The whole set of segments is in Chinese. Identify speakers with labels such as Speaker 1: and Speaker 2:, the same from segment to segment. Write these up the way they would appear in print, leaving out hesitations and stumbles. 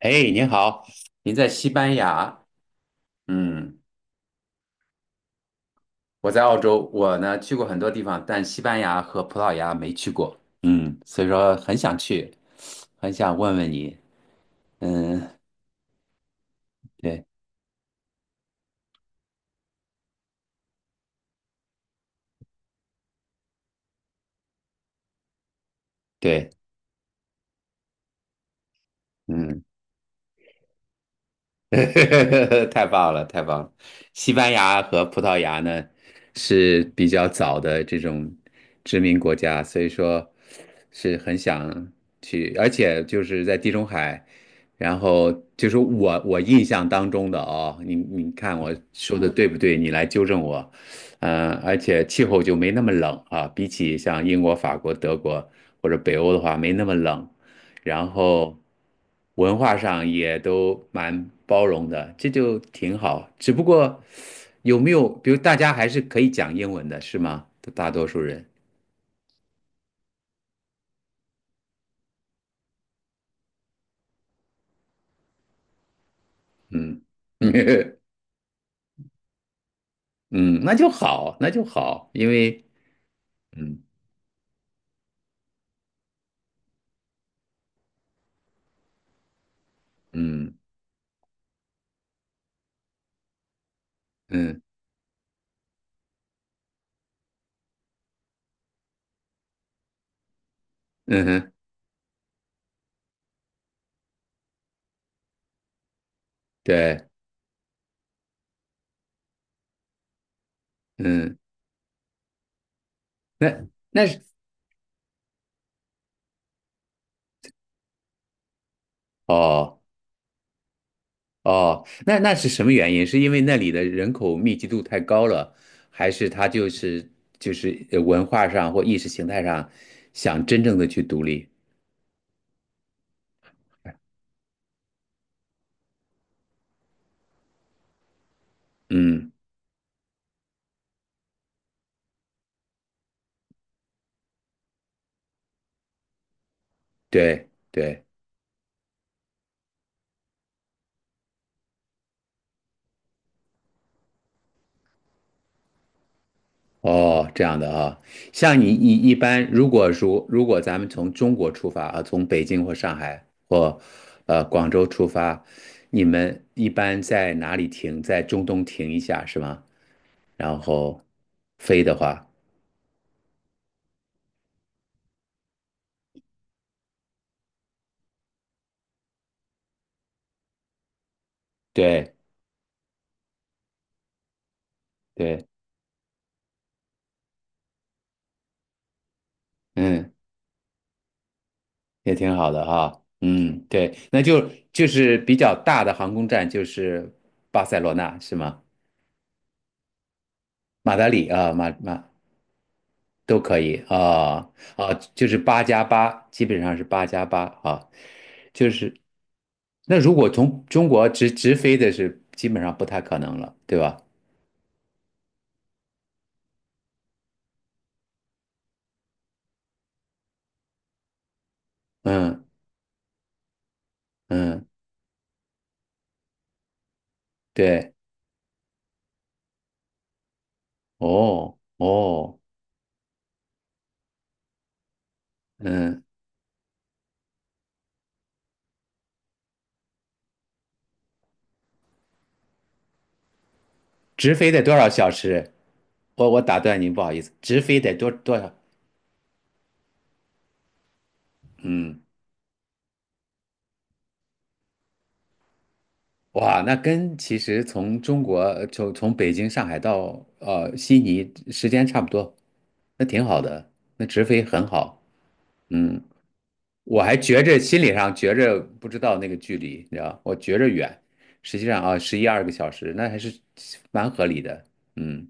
Speaker 1: 哎，您好，您在西班牙？嗯，我在澳洲，我呢去过很多地方，但西班牙和葡萄牙没去过。嗯，所以说很想去，很想问问你。嗯，对对，嗯。太棒了，太棒了！西班牙和葡萄牙呢是比较早的这种殖民国家，所以说是很想去，而且就是在地中海，然后就是我印象当中的哦，你看我说的对不对？你来纠正我，而且气候就没那么冷啊，比起像英国、法国、德国或者北欧的话，没那么冷。然后文化上也都蛮包容的，这就挺好。只不过有没有，比如大家还是可以讲英文的，是吗？大多数人，嗯 嗯，那就好，那就好，因为嗯嗯嗯嗯哼，对，嗯，那那是哦。哦，那那是什么原因？是因为那里的人口密集度太高了，还是他就是就是文化上或意识形态上想真正的去独立？嗯，对对，哦，这样的啊。像你一般，如果说如果咱们从中国出发啊，从北京或上海或广州出发，你们一般在哪里停？在中东停一下是吗？然后飞的话，对对，嗯。也挺好的哈，嗯，对，那就就是比较大的航空站就是巴塞罗那是吗？马德里啊，都可以啊啊，就是八加八，基本上是八加八啊，就是那如果从中国直飞的是基本上不太可能了，对吧？嗯嗯，对，哦哦，嗯，直飞得多少小时？我打断您，不好意思，直飞得多少？嗯。哇，那跟其实从中国从从北京、上海到悉尼时间差不多，那挺好的，那直飞很好。嗯，我还觉着心理上觉着不知道那个距离，你知道，我觉着远，实际上啊11、12个小时，那还是蛮合理的。嗯，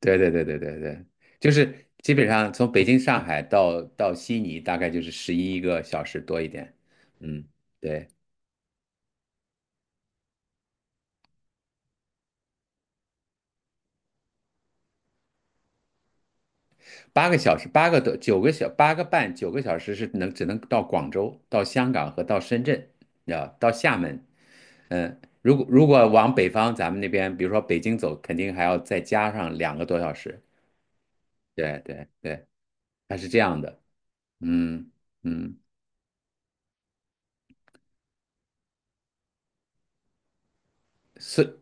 Speaker 1: 对对对对对对，就是基本上从北京、上海到悉尼大概就是11个小时多一点。嗯，对。8个小时，8个多，九个小，8个半，9个小时是能只能到广州、到香港和到深圳，你知道，到厦门。嗯，如果如果往北方，咱们那边，比如说北京走，肯定还要再加上两个多小时。对对对，它是这样的。嗯嗯，是，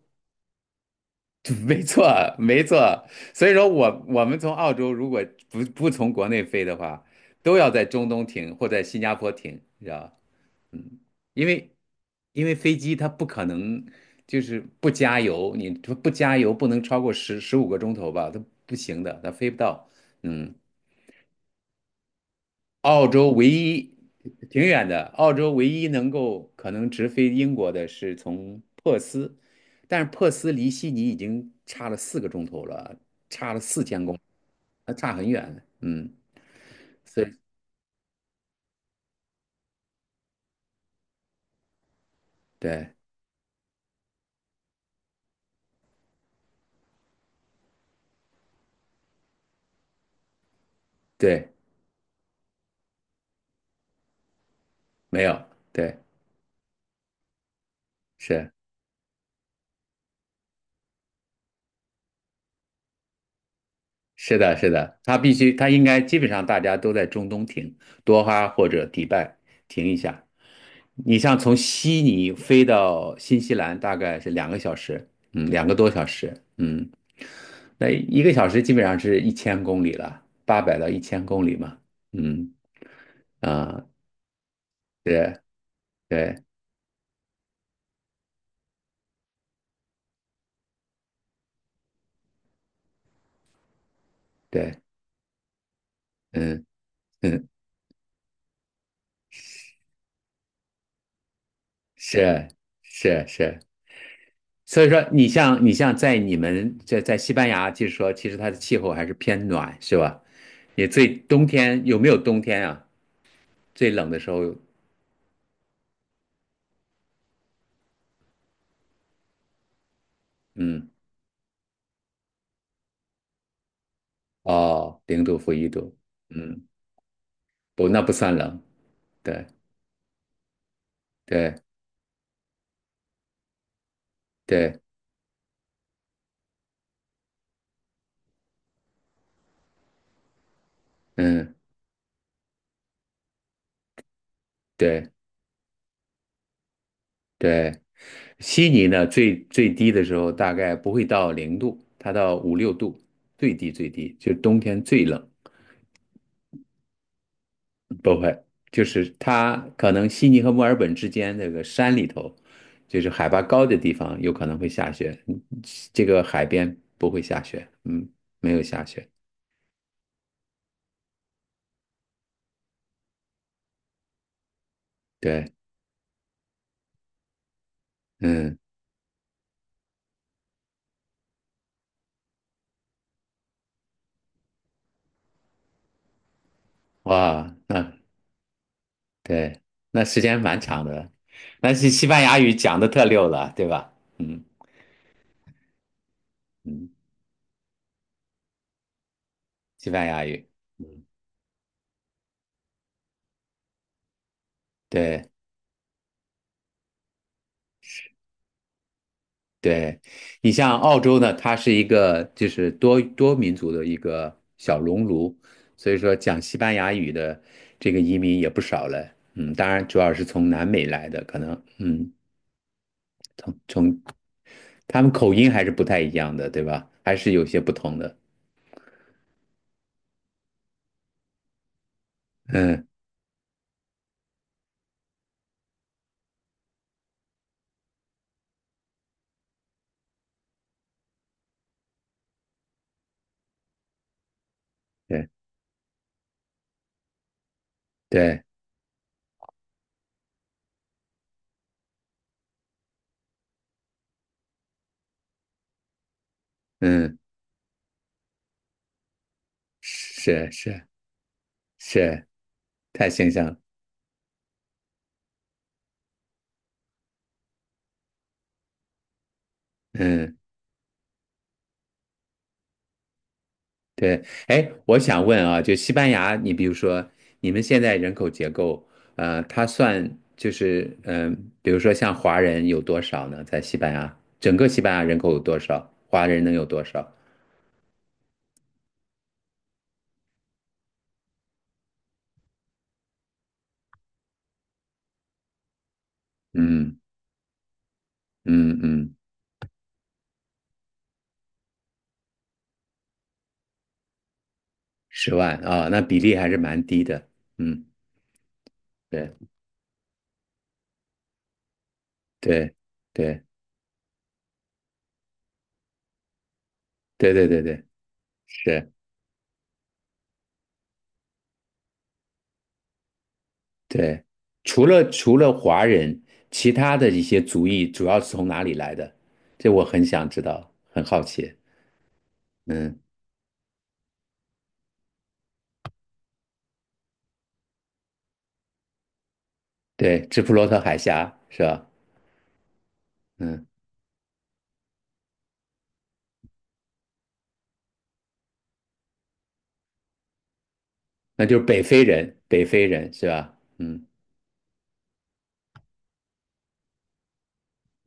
Speaker 1: 没错没错。所以说我们从澳洲如果不从国内飞的话，都要在中东停或在新加坡停，你知道。吧？嗯，因为因为飞机它不可能就是不加油，你不加油不能超过15个钟头吧，它不行的，它飞不到。嗯，澳洲唯一挺远的，澳洲唯一能够可能直飞英国的是从珀斯，但是珀斯离悉尼已经差了4个钟头了，差了4000公里，那差很远。嗯，所以对对，没有，对是。是的，是的，他必须，他应该基本上大家都在中东停，多哈或者迪拜停一下。你像从悉尼飞到新西兰，大概是2个小时，嗯，两个多小时，嗯，那一个小时基本上是一千公里了，800到1000公里嘛，嗯啊，是，对对，嗯嗯，是是是。所以说，你像你像在你们在在西班牙，就是说，其实它的气候还是偏暖，是吧？你最冬天有没有冬天啊？最冷的时候，嗯，哦，零度负一度，嗯，不，那不算冷，对对对，嗯对对。悉尼呢，最最低的时候大概不会到零度，它到5、6度，最低最低，就是冬天最冷。不会，就是它可能悉尼和墨尔本之间那个山里头，就是海拔高的地方有可能会下雪，嗯这个海边不会下雪，嗯，没有下雪，对，嗯，哇，那对，那时间蛮长的，那是西班牙语讲的特溜了，对吧？嗯嗯，西班牙语，嗯，对。对，你像澳洲呢，它是一个就是多民族的一个小熔炉，所以说讲西班牙语的这个移民也不少了。嗯，当然主要是从南美来的，可能嗯，从他们口音还是不太一样的，对吧？还是有些不同的。嗯，对对，嗯，是是是，太形象了。嗯。对，哎，我想问啊，就西班牙，你比如说，你们现在人口结构，它算就是，比如说像华人有多少呢？在西班牙，整个西班牙人口有多少？华人能有多少？嗯嗯嗯，10万啊，那比例还是蛮低的。嗯，对对对对对对对，是，对。除了华人，其他的一些族裔主要是从哪里来的？这我很想知道，很好奇。嗯。对，直布罗陀海峡是吧？嗯，那就是北非人，北非人是吧？嗯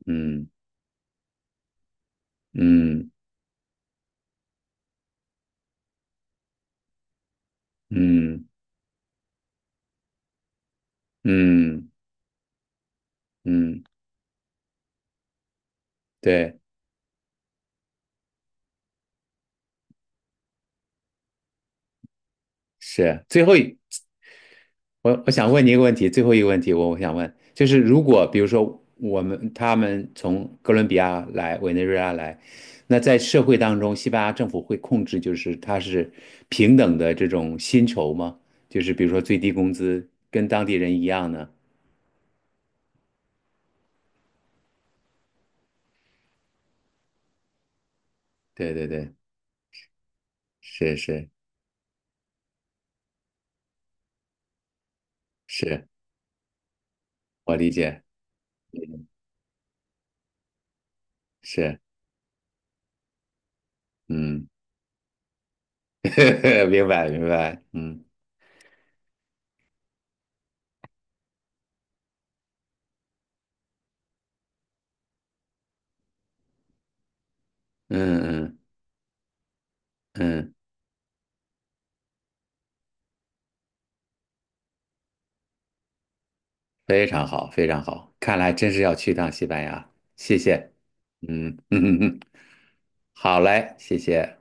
Speaker 1: 嗯嗯嗯嗯嗯，对，是。最后一，我想问你一个问题，最后一个问题我想问，就是如果比如说我们他们从哥伦比亚来，委内瑞拉来，那在社会当中，西班牙政府会控制就是它是平等的这种薪酬吗？就是比如说最低工资跟当地人一样呢？对对对，是是。是我理解，是，嗯，明白明白，嗯嗯嗯嗯，非常好非常好，看来真是要去趟西班牙，谢谢，嗯嗯嗯嗯，好嘞，谢谢。